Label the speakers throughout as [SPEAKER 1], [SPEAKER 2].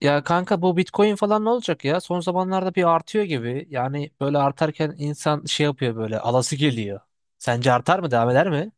[SPEAKER 1] Ya kanka, bu Bitcoin falan ne olacak ya? Son zamanlarda bir artıyor gibi. Yani böyle artarken insan şey yapıyor, böyle alası geliyor. Sence artar mı? Devam eder mi?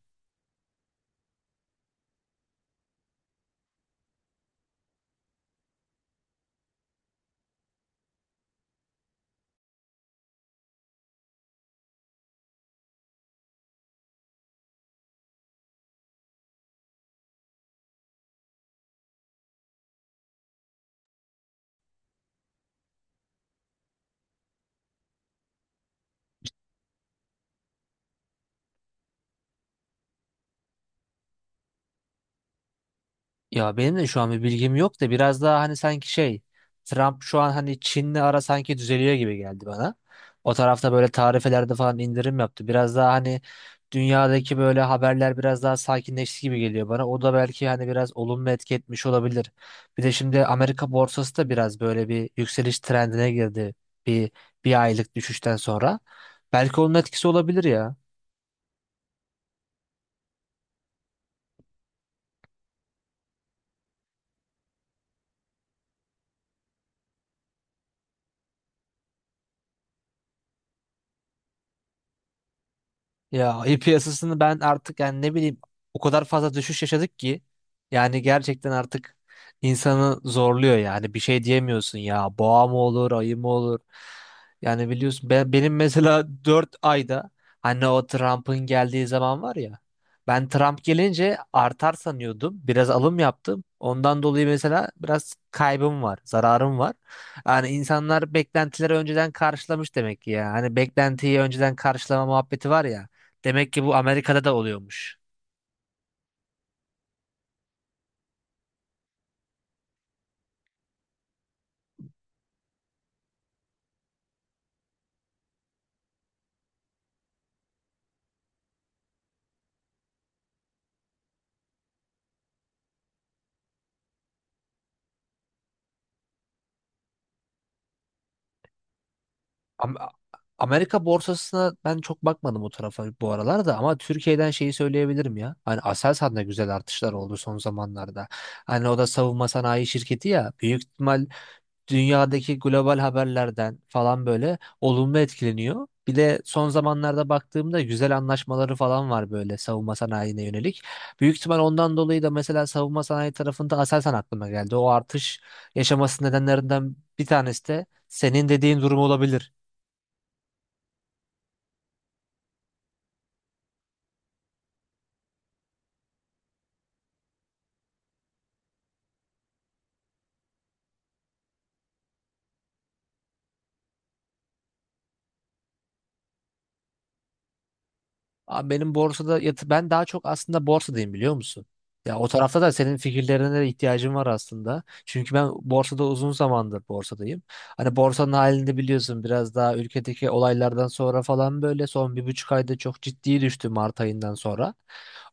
[SPEAKER 1] Ya benim de şu an bir bilgim yok da biraz daha hani, sanki şey, Trump şu an hani Çin'le ara sanki düzeliyor gibi geldi bana. O tarafta böyle tarifelerde falan indirim yaptı. Biraz daha hani dünyadaki böyle haberler biraz daha sakinleşti gibi geliyor bana. O da belki hani biraz olumlu etki etmiş olabilir. Bir de şimdi Amerika borsası da biraz böyle bir yükseliş trendine girdi, bir bir aylık düşüşten sonra. Belki onun etkisi olabilir ya. Ya ayı piyasasını ben artık, yani ne bileyim, o kadar fazla düşüş yaşadık ki, yani gerçekten artık insanı zorluyor. Yani bir şey diyemiyorsun ya, boğa mı olur, ayı mı olur. Yani biliyorsun benim mesela 4 ayda, hani o Trump'ın geldiği zaman var ya, ben Trump gelince artar sanıyordum, biraz alım yaptım ondan dolayı. Mesela biraz kaybım var, zararım var. Yani insanlar beklentileri önceden karşılamış demek ki. Ya hani, beklentiyi önceden karşılama muhabbeti var ya. Demek ki bu Amerika'da da oluyormuş. Am- Amerika borsasına ben çok bakmadım o tarafa bu aralar da, ama Türkiye'den şeyi söyleyebilirim ya. Hani Aselsan'da güzel artışlar oldu son zamanlarda. Hani o da savunma sanayi şirketi ya. Büyük ihtimal dünyadaki global haberlerden falan böyle olumlu etkileniyor. Bir de son zamanlarda baktığımda güzel anlaşmaları falan var, böyle savunma sanayine yönelik. Büyük ihtimal ondan dolayı da mesela savunma sanayi tarafında Aselsan aklıma geldi. O artış yaşaması nedenlerinden bir tanesi de senin dediğin durum olabilir. Abi, ben daha çok aslında borsadayım, biliyor musun? Ya o tarafta da senin fikirlerine de ihtiyacım var aslında. Çünkü ben borsada uzun zamandır borsadayım. Hani borsanın halini de biliyorsun, biraz daha ülkedeki olaylardan sonra falan böyle son 1,5 ayda çok ciddi düştü, Mart ayından sonra.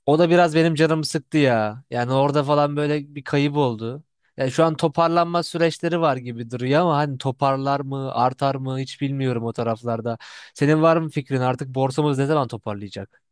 [SPEAKER 1] O da biraz benim canımı sıktı ya. Yani orada falan böyle bir kayıp oldu. Yani şu an toparlanma süreçleri var gibi duruyor ama hani toparlar mı, artar mı, hiç bilmiyorum o taraflarda. Senin var mı fikrin, artık borsamız ne zaman toparlayacak?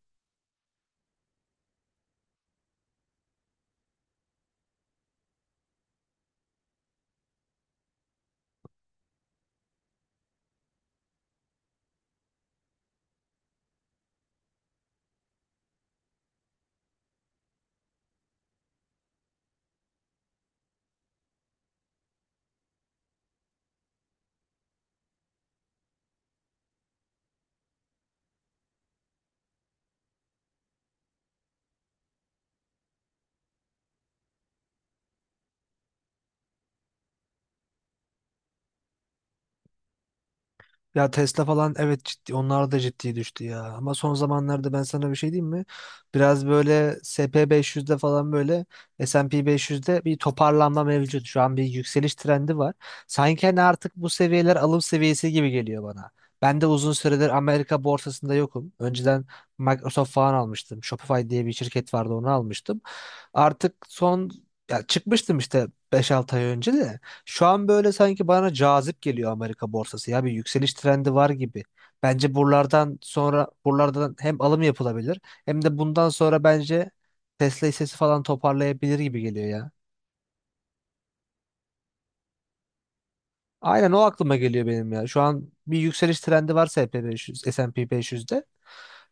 [SPEAKER 1] Ya Tesla falan, evet, ciddi, onlar da ciddi düştü ya. Ama son zamanlarda ben sana bir şey diyeyim mi? Biraz böyle SP 500'de falan, böyle S&P 500'de bir toparlanma mevcut. Şu an bir yükseliş trendi var. Sanki hani artık bu seviyeler alım seviyesi gibi geliyor bana. Ben de uzun süredir Amerika borsasında yokum. Önceden Microsoft falan almıştım. Shopify diye bir şirket vardı, onu almıştım. Artık son, ya çıkmıştım işte 5-6 ay önce de. Şu an böyle sanki bana cazip geliyor Amerika borsası ya, bir yükseliş trendi var gibi. Bence buralardan sonra, buralardan hem alım yapılabilir, hem de bundan sonra bence Tesla hissesi falan toparlayabilir gibi geliyor ya. Aynen, o aklıma geliyor benim ya. Şu an bir yükseliş trendi varsa S&P 500, S&P 500'de.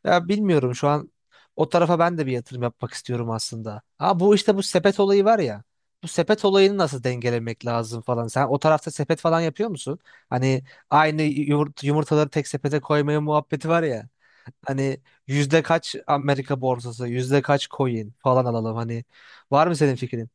[SPEAKER 1] Ya bilmiyorum, şu an o tarafa ben de bir yatırım yapmak istiyorum aslında. Ha, bu işte, bu sepet olayı var ya. Bu sepet olayını nasıl dengelemek lazım falan. Sen o tarafta sepet falan yapıyor musun? Hani aynı yumurtaları tek sepete koymaya muhabbeti var ya. Hani yüzde kaç Amerika borsası, yüzde kaç coin falan alalım. Hani var mı senin fikrin?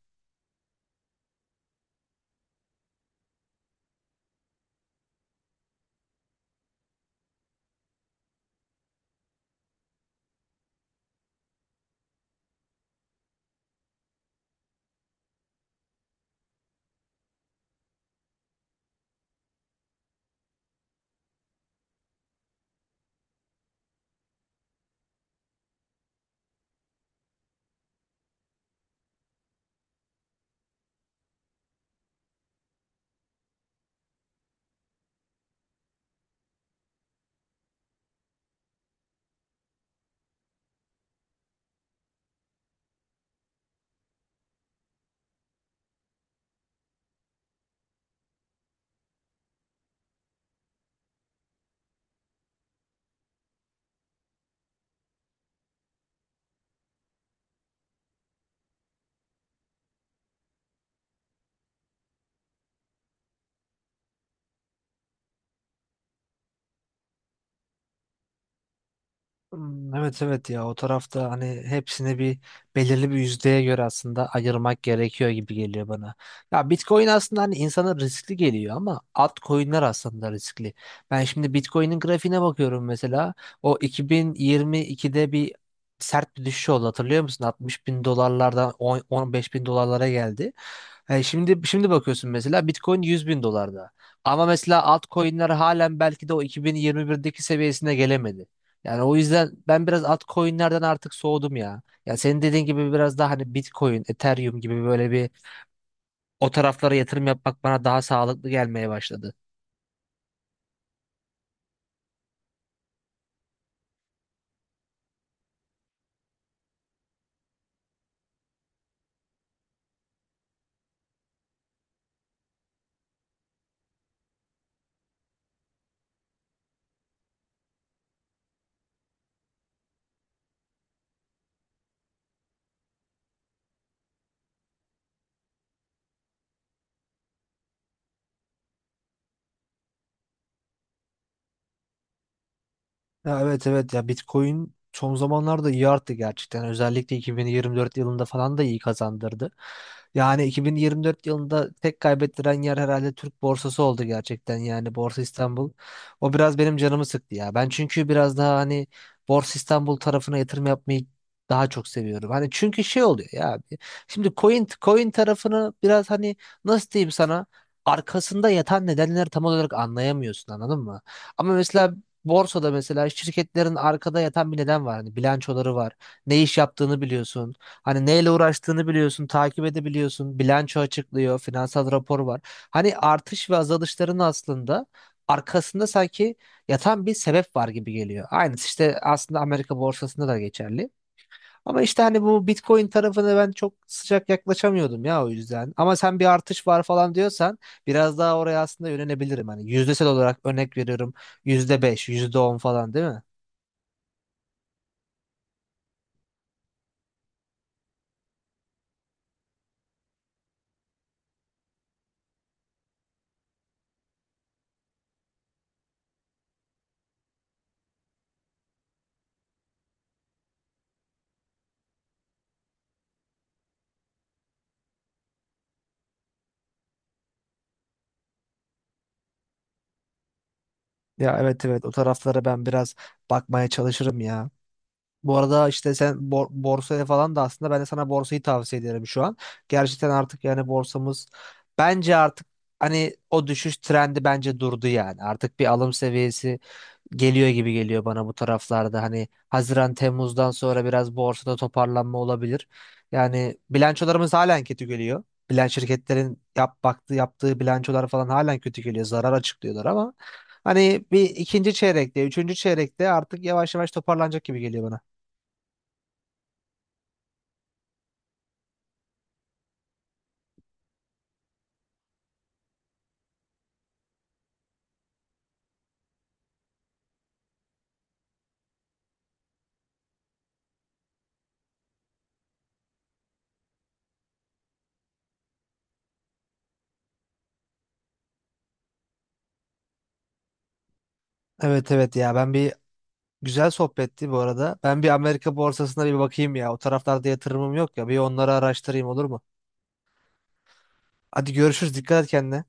[SPEAKER 1] Hmm. Evet, evet, ya o tarafta hani hepsini bir, belirli bir yüzdeye göre aslında ayırmak gerekiyor gibi geliyor bana. Ya Bitcoin aslında hani insana riskli geliyor ama altcoin'ler aslında riskli. Ben şimdi Bitcoin'in grafiğine bakıyorum mesela, o 2022'de bir sert bir düşüş oldu, hatırlıyor musun? 60 bin dolarlardan 10-15 bin dolarlara geldi. Şimdi bakıyorsun mesela, Bitcoin 100 bin dolarda. Ama mesela altcoin'ler halen belki de o 2021'deki seviyesine gelemedi. Yani o yüzden ben biraz altcoin'lerden artık soğudum ya. Ya senin dediğin gibi biraz daha hani Bitcoin, Ethereum gibi böyle bir, o taraflara yatırım yapmak bana daha sağlıklı gelmeye başladı. Ya, evet, evet, ya Bitcoin son zamanlarda iyi arttı gerçekten. Özellikle 2024 yılında falan da iyi kazandırdı. Yani 2024 yılında tek kaybettiren yer herhalde Türk borsası oldu, gerçekten yani, Borsa İstanbul. O biraz benim canımı sıktı ya. Ben çünkü biraz daha hani Borsa İstanbul tarafına yatırım yapmayı daha çok seviyorum. Hani çünkü şey oluyor ya, abi. Şimdi coin tarafını biraz hani, nasıl diyeyim sana, arkasında yatan nedenleri tam olarak anlayamıyorsun, anladın mı? Ama mesela borsada, mesela şirketlerin arkada yatan bir neden var. Hani bilançoları var. Ne iş yaptığını biliyorsun. Hani neyle uğraştığını biliyorsun. Takip edebiliyorsun. Bilanço açıklıyor. Finansal rapor var. Hani artış ve azalışların aslında arkasında sanki yatan bir sebep var gibi geliyor. Aynısı işte aslında Amerika borsasında da geçerli. Ama işte hani bu Bitcoin tarafına ben çok sıcak yaklaşamıyordum ya, o yüzden. Ama sen bir artış var falan diyorsan, biraz daha oraya aslında yönelebilirim. Hani yüzdesel olarak örnek veriyorum, %5, yüzde on falan, değil mi? Ya, evet, evet, o taraflara ben biraz bakmaya çalışırım ya. Bu arada işte sen borsaya falan da, aslında ben de sana borsayı tavsiye ederim şu an. Gerçekten artık yani borsamız, bence artık hani o düşüş trendi bence durdu yani. Artık bir alım seviyesi geliyor gibi geliyor bana, bu taraflarda. Hani Haziran Temmuz'dan sonra biraz borsada toparlanma olabilir. Yani bilançolarımız halen kötü geliyor. Bilen şirketlerin yaptığı bilançolar falan halen kötü geliyor. Zarar açıklıyorlar ama hani bir ikinci çeyrekte, üçüncü çeyrekte artık yavaş yavaş toparlanacak gibi geliyor bana. Evet, evet, ya, ben bir güzel sohbetti bu arada. Ben bir Amerika borsasına bir bakayım ya. O taraflarda yatırımım yok ya. Bir onları araştırayım, olur mu? Hadi görüşürüz. Dikkat et kendine.